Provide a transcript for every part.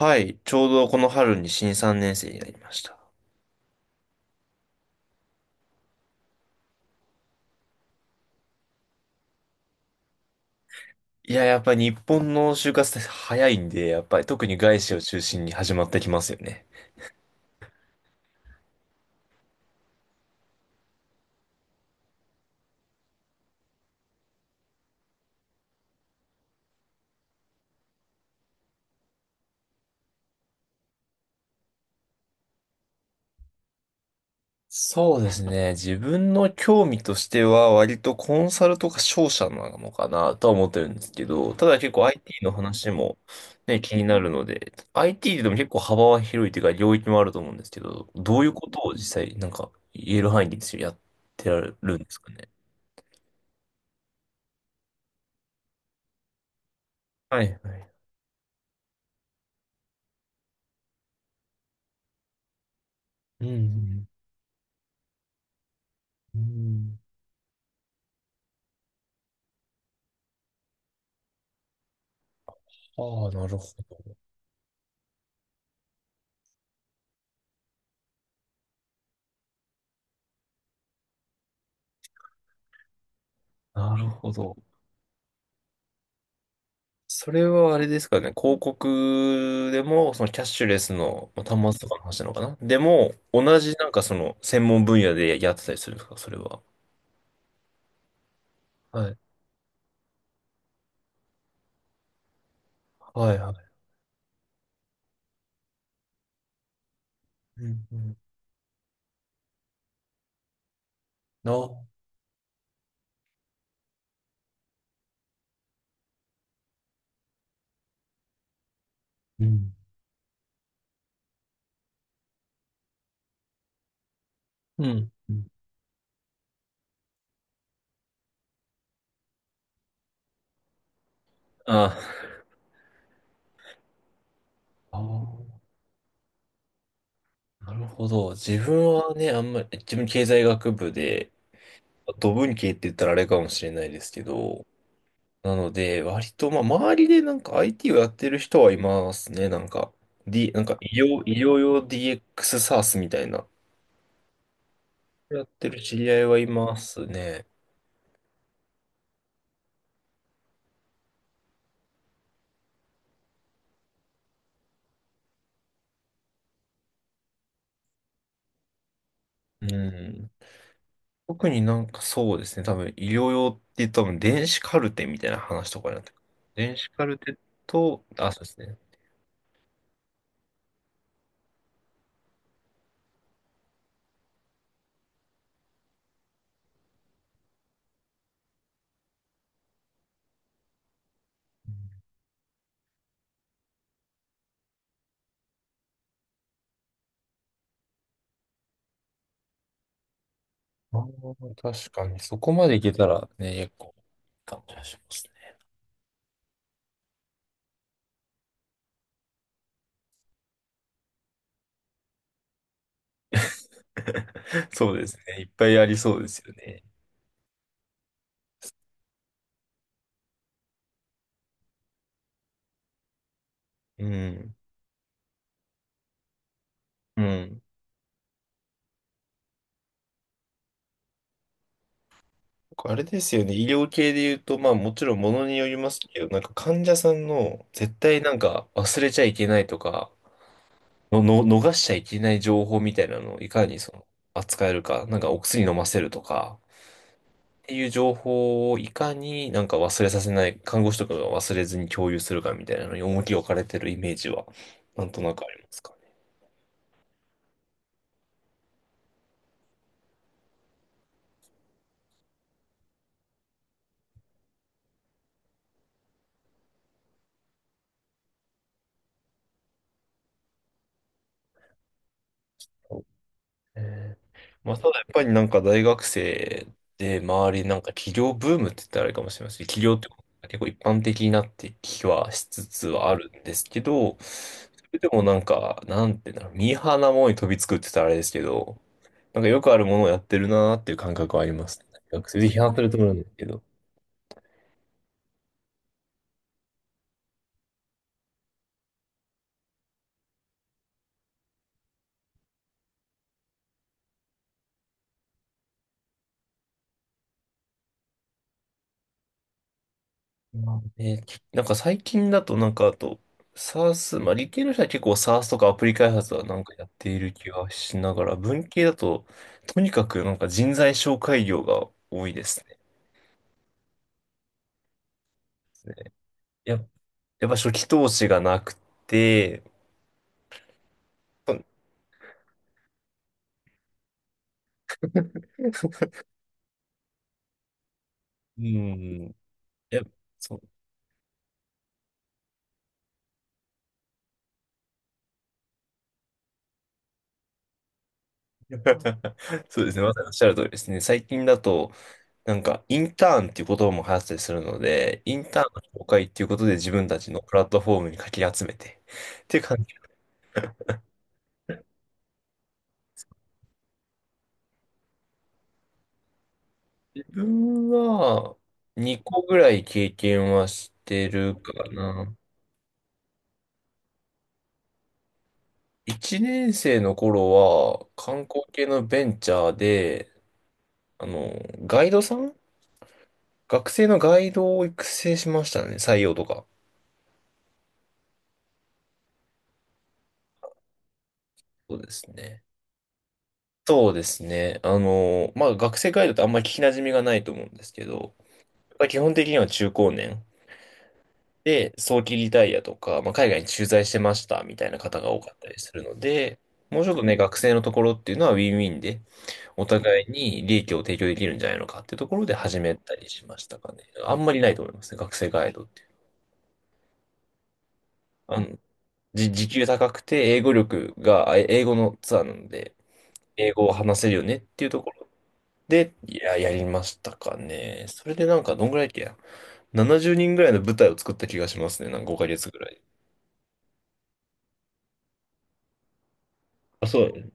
はい、ちょうどこの春に新3年生になりました。いや、やっぱり日本の就活って早いんで、やっぱり特に外資を中心に始まってきますよね。そうですね。自分の興味としては割とコンサルとか商社なのかなとは思ってるんですけど、ただ結構 IT の話もね、気になるので、IT でも結構幅は広いというか領域もあると思うんですけど、どういうことを実際なんか言える範囲でですよやってられるんですかね。はいはい。うんうん。うん。ああ、なるほど。なるほど。それはあれですかね。広告でも、そのキャッシュレスのまあ端末とかの話なのかな。でも、同じなんかその専門分野でやってたりするんですかそれは。はい。はいはい。うんうん。あ、うん。うん。うん。ああー、なるほど。自分はね、あんまり、自分経済学部で、ド文系って言ったらあれかもしれないですけど、なので、割と、まあ、周りでなんか IT をやってる人はいますね。なんか、なんか医療、医療用 DX サースみたいな、やってる知り合いはいますね。うん。特になんかそうですね。多分、医療用って言うと多分、電子カルテみたいな話とかになってくる。電子カルテと、あ、そうですね。あー確かに、そこまでいけたらね、結構、感じがしますね。そうですね。いっぱいありそうですよね。うん。うん。あれですよね。医療系で言うと、まあもちろんものによりますけど、なんか患者さんの絶対なんか忘れちゃいけないとか、逃しちゃいけない情報みたいなのをいかにその扱えるか、なんかお薬飲ませるとか、っていう情報をいかになんか忘れさせない、看護師とかが忘れずに共有するかみたいなのに重きを置かれてるイメージは、なんとなくありますかね。えーまあ、ただやっぱりなんか大学生で周りなんか起業ブームって言ったらあれかもしれませんし、起業って結構一般的になってきはしつつはあるんですけど、それでもなんか、なんていうんだろう、ミーハーなものに飛びつくって言ったらあれですけど、なんかよくあるものをやってるなーっていう感覚はありますね。学生で批判すると思うんですけど。まあね、なんか最近だとなんかあと、サース、まあ理系の人は結構サースとかアプリ開発はなんかやっている気がしながら、文系だと、とにかくなんか人材紹介業が多いですね。やっ、やっぱ初期投資がなくて、うん。や、そう。そうですね。まさにおっしゃる通りですね。最近だと、なんか、インターンっていう言葉も流行ったりするので、インターンの紹介っていうことで自分たちのプラットフォームにかき集めて。っていう感じ。自分は、2個ぐらい経験はしてるかな。1年生の頃は、観光系のベンチャーで、あの、ガイドさん学生のガイドを育成しましたね。採用とか。そうですね。そうですね。まあ、学生ガイドってあんまり聞き馴染みがないと思うんですけど、まあ、基本的には中高年で早期リタイアとか、まあ、海外に駐在してましたみたいな方が多かったりするので、もうちょっとね、学生のところっていうのはウィンウィンで、お互いに利益を提供できるんじゃないのかっていうところで始めたりしましたかね。あんまりないと思いますね、学生ガイドっていう。あの、時給高くて、英語力が、あ英語のツアーなので、英語を話せるよねっていうところで、いや、やりましたかね。それでなんか、どんぐらいだっけや。70人ぐらいの舞台を作った気がしますね。なんか5ヶ月ぐらい。あ、そう。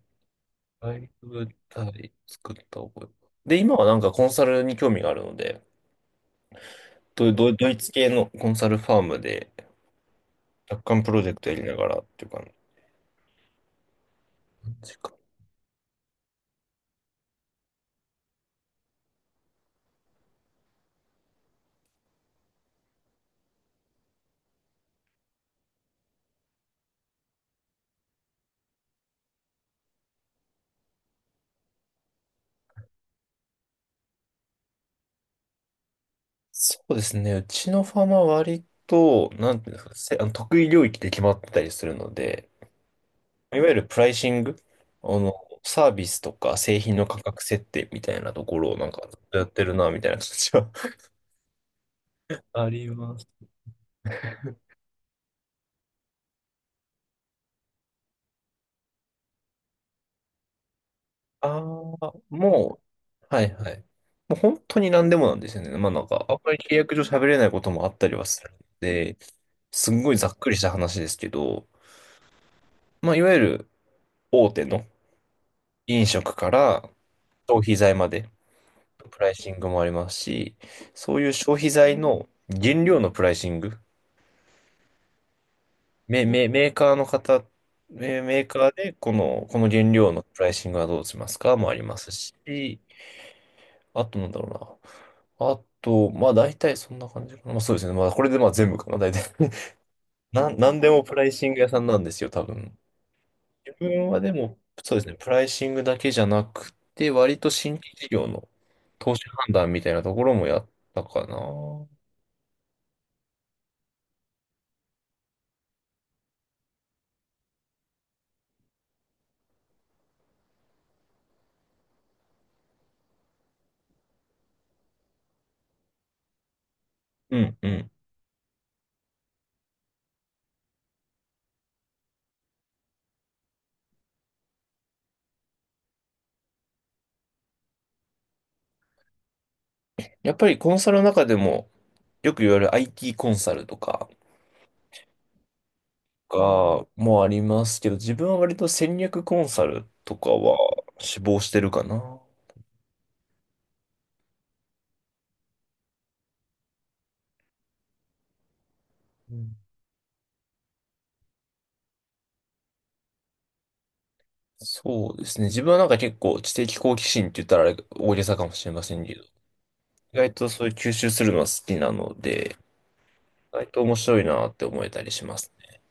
ライブ舞台作った覚え。で、今はなんかコンサルに興味があるので、ドイツ系のコンサルファームで、楽観プロジェクトやりながらっていう感じか。そうですね。うちのファームは割と、なんていうんですか、せ、あの得意領域で決まってたりするので、いわゆるプライシング、あの、サービスとか製品の価格設定みたいなところをなんかずっとやってるな、みたいな感じは あります。ああ、もう、はいはい。もう本当に何でもなんですよね。まあなんか、あんまり契約上喋れないこともあったりはするんで、すんごいざっくりした話ですけど、まあいわゆる大手の飲食から消費財まで、プライシングもありますし、そういう消費財の原料のプライシング、メーカーの方、メーカーでこの原料のプライシングはどうしますかもありますし、あとなんだろうな。あと、まあ大体そんな感じかな。まあそうですね。まあこれでまあ全部かな、大体。なんでもプライシング屋さんなんですよ、多分。自分はでも、そうですね、プライシングだけじゃなくて、割と新規事業の投資判断みたいなところもやったかな。うんうん。やっぱりコンサルの中でも、よく言われる IT コンサルとか、かもありますけど、自分は割と戦略コンサルとかは志望してるかな。うん。そうですね。自分はなんか結構知的好奇心って言ったらあれ大げさかもしれませんけど、意外とそういう吸収するのは好きなので、意外と面白いなって思えたりしますね。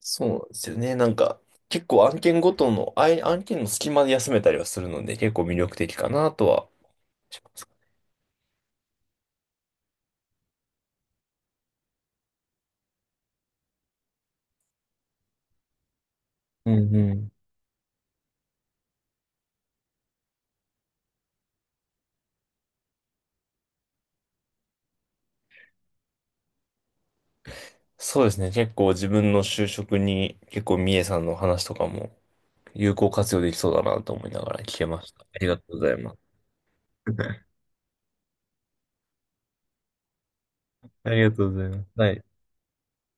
そうなんですよね。なんか結構案件ごとの、案件の隙間で休めたりはするので、結構魅力的かなとはします。うんうん。そうですね。結構自分の就職に結構三重さんの話とかも有効活用できそうだなと思いながら聞けました。ありがとうございます。ありがとうございます。はい。